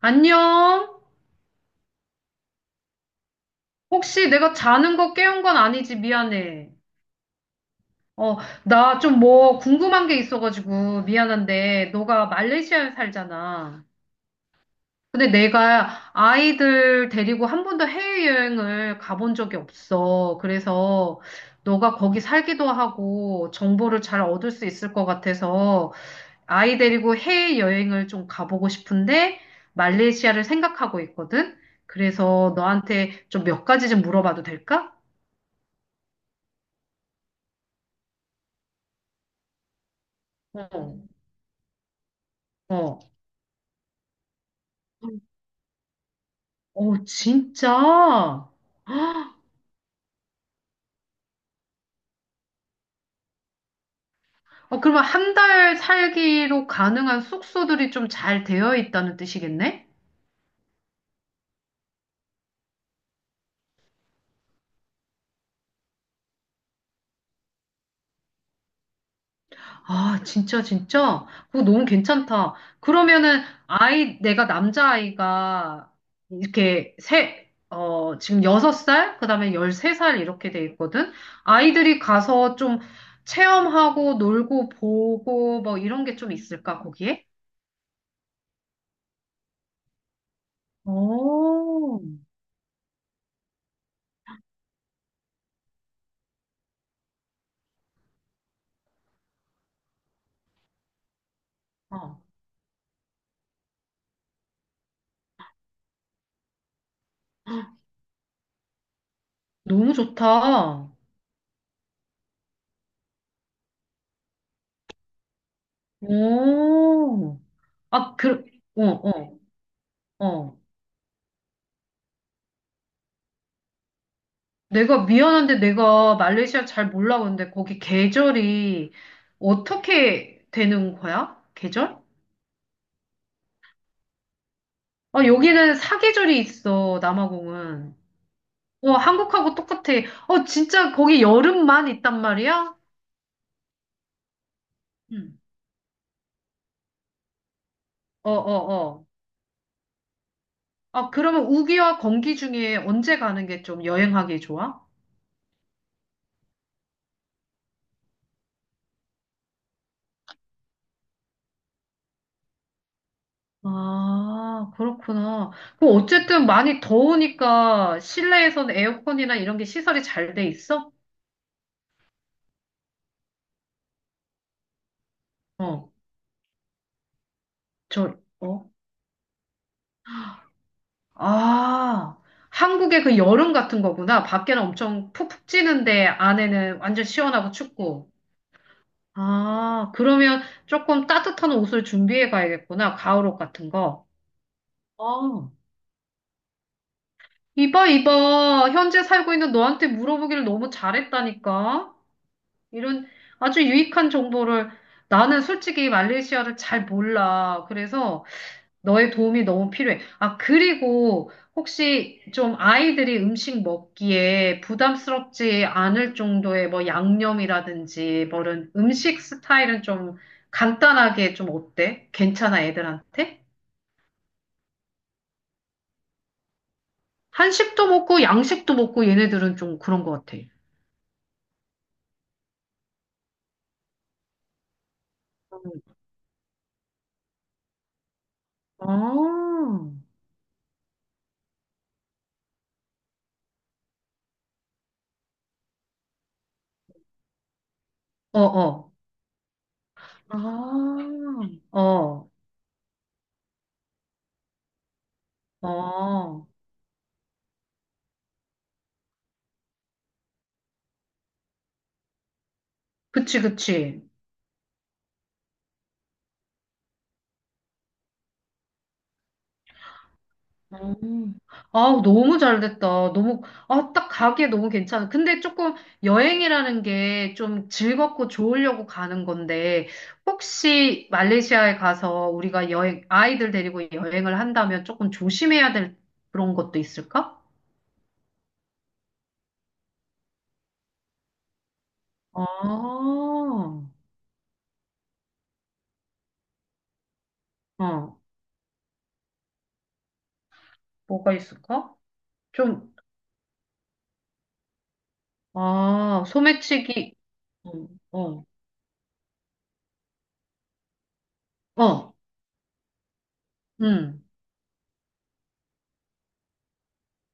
안녕? 혹시 내가 자는 거 깨운 건 아니지? 미안해. 어, 나 좀 뭐 궁금한 게 있어가지고 미안한데, 너가 말레이시아에 살잖아. 근데 내가 아이들 데리고 한 번도 해외여행을 가본 적이 없어. 그래서 너가 거기 살기도 하고 정보를 잘 얻을 수 있을 것 같아서 아이 데리고 해외여행을 좀 가보고 싶은데 말레이시아를 생각하고 있거든? 그래서 너한테 좀 몇 가지 좀 물어봐도 될까? 어, 어, 어, 진짜? 어, 그러면 한 달 살기로 가능한 숙소들이 좀 잘 되어 있다는 뜻이겠네? 아, 진짜, 진짜? 그거 너무 괜찮다. 그러면은, 아이, 내가 남자아이가 이렇게 지금 6살, 그다음에 13살 이렇게 돼 있거든? 아이들이 가서 좀 체험하고 놀고 보고 뭐 이런 게 좀 있을까, 거기에? 오, 어, 너무 좋다. 오, 아, 그, 어, 어, 어. 내가 미안한데 내가 말레이시아 잘 몰라. 근데 거기 계절이 어떻게 되는 거야? 계절? 아, 여기는 사계절이 있어, 남아공은. 어, 한국하고 똑같아. 어, 진짜 거기 여름만 있단 말이야? 응. 어, 어, 어. 아, 그러면 우기와 건기 중에 언제 가는 게 좀 여행하기 좋아? 아, 그렇구나. 어쨌든 많이 더우니까 실내에서는 에어컨이나 이런 게 시설이 잘 돼 있어? 어, 저, 어? 아, 한국의 그 여름 같은 거구나. 밖에는 엄청 푹푹 찌는데 안에는 완전 시원하고 춥고. 아, 그러면 조금 따뜻한 옷을 준비해 가야겠구나. 가을옷 같은 거. 아, 이봐, 이봐. 현재 살고 있는 너한테 물어보기를 너무 잘했다니까. 이런 아주 유익한 정보를. 나는 솔직히 말레이시아를 잘 몰라. 그래서 너의 도움이 너무 필요해. 아, 그리고 혹시 좀 아이들이 음식 먹기에 부담스럽지 않을 정도의 뭐 양념이라든지 뭐 이런 음식 스타일은 좀 간단하게 좀 어때? 괜찮아, 애들한테? 한식도 먹고 양식도 먹고 얘네들은 좀 그런 것 같아. 어, 어, 어. 아, 어, 어. 그치, 그치. 음. 아, 너무 잘 됐다. 아, 딱 가기에 너무 괜찮아. 근데 조금 여행이라는 게 좀 즐겁고 좋으려고 가는 건데, 혹시 말레이시아에 가서 우리가 아이들 데리고 여행을 한다면 조금 조심해야 될 그런 것도 있을까? 아, 어, 뭐가 있을까? 좀, 아, 소매치기, 어, 어, 어, 음,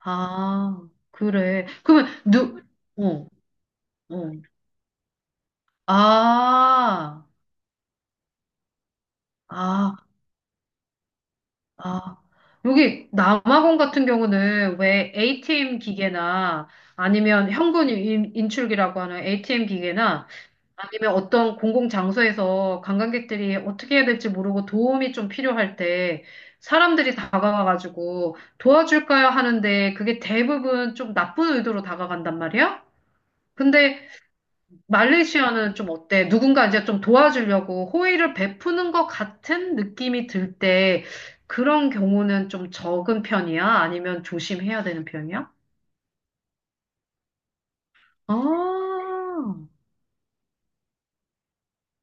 아, 그래. 그러면, 어. 어. 아, 아, 아. 여기 남아공 같은 경우는 왜 ATM 기계나 아니면 현금 인출기라고 하는 ATM 기계나 아니면 어떤 공공 장소에서 관광객들이 어떻게 해야 될지 모르고 도움이 좀 필요할 때 사람들이 다가와가지고 도와줄까요 하는데 그게 대부분 좀 나쁜 의도로 다가간단 말이야? 근데 말레이시아는 좀 어때? 누군가 이제 좀 도와주려고 호의를 베푸는 것 같은 느낌이 들 때 그런 경우는 좀 적은 편이야? 아니면 조심해야 되는 편이야? 아,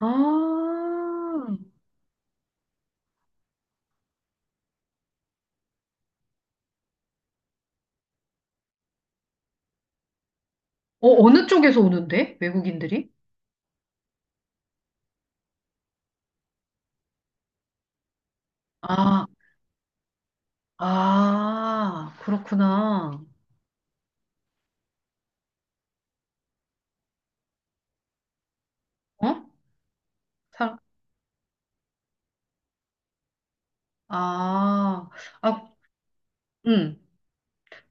아. 어, 어느 쪽에서 오는데? 외국인들이? 아, 아, 그렇구나. 어? 사, 아, 아, 음.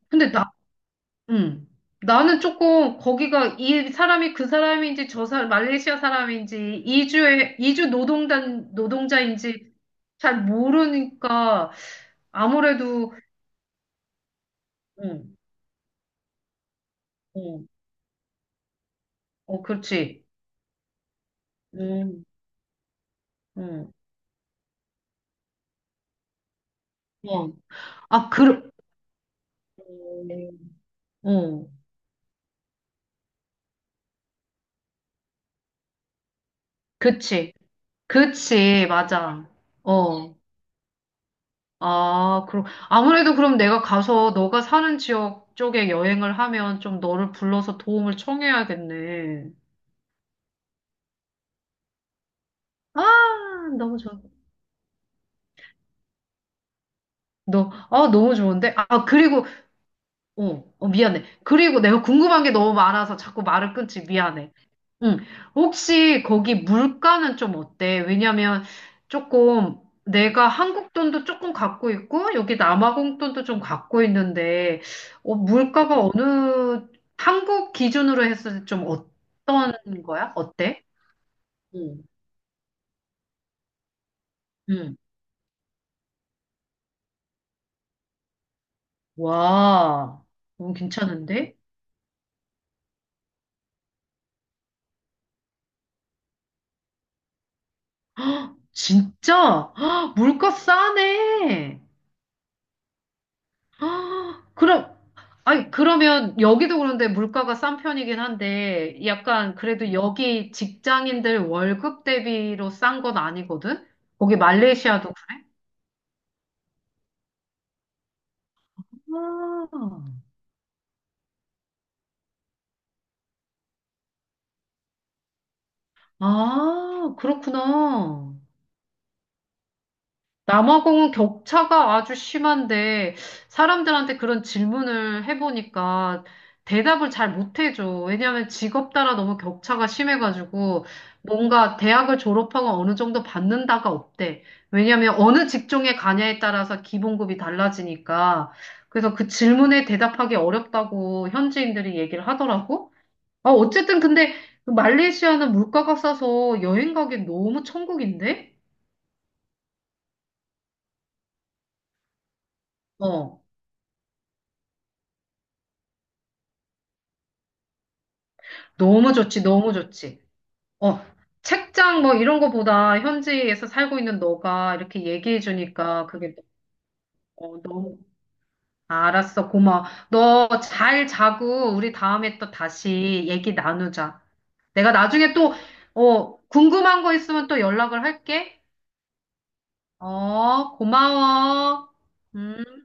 근데 음. 나는 조금 거기가 이 사람이 그 사람인지 저 사람, 말레이시아 사람인지 이주에 이주 노동단 노동자인지 잘 모르니까 아무래도. 음, 음. 어, 그렇지. 음, 음. 어. 아, 그, 어, 그치. 그치, 맞아. 어. 아, 그럼 아무래도 그럼 내가 가서 너가 사는 지역 쪽에 여행을 하면 좀 너를 불러서 도움을 청해야겠네. 아, 너무 좋아. 아, 너무 좋은데? 아, 그리고, 어, 어, 미안해. 그리고 내가 궁금한 게 너무 많아서 자꾸 말을 끊지, 미안해. 응. 혹시 거기 물가는 좀 어때? 왜냐면 조금 내가 한국 돈도 조금 갖고 있고, 여기 남아공 돈도 좀 갖고 있는데, 물가가 한국 기준으로 했을 때 좀 어떤 거야? 어때? 응. 응. 와, 너무 괜찮은데? 진짜? 헉, 물가 싸네. 헉, 아니, 그러면 여기도 그런데 물가가 싼 편이긴 한데, 약간 그래도 여기 직장인들 월급 대비로 싼 건 아니거든? 거기 말레이시아도 그래? 아, 아, 그렇구나. 남아공은 격차가 아주 심한데 사람들한테 그런 질문을 해보니까 대답을 잘 못해줘. 왜냐하면 직업 따라 너무 격차가 심해가지고 뭔가 대학을 졸업하고 어느 정도 받는다가 없대. 왜냐하면 어느 직종에 가냐에 따라서 기본급이 달라지니까. 그래서 그 질문에 대답하기 어렵다고 현지인들이 얘기를 하더라고. 아, 어쨌든 근데 그 말레이시아는 물가가 싸서 여행 가기 너무 천국인데? 어. 너무 좋지, 너무 좋지. 어, 책장 뭐 이런 거보다 현지에서 살고 있는 너가 이렇게 얘기해 주니까 그게. 너무 알았어, 고마워. 너 잘 자고 우리 다음에 또 다시 얘기 나누자. 내가 나중에 또 궁금한 거 있으면 또 연락을 할게. 어, 고마워. 음.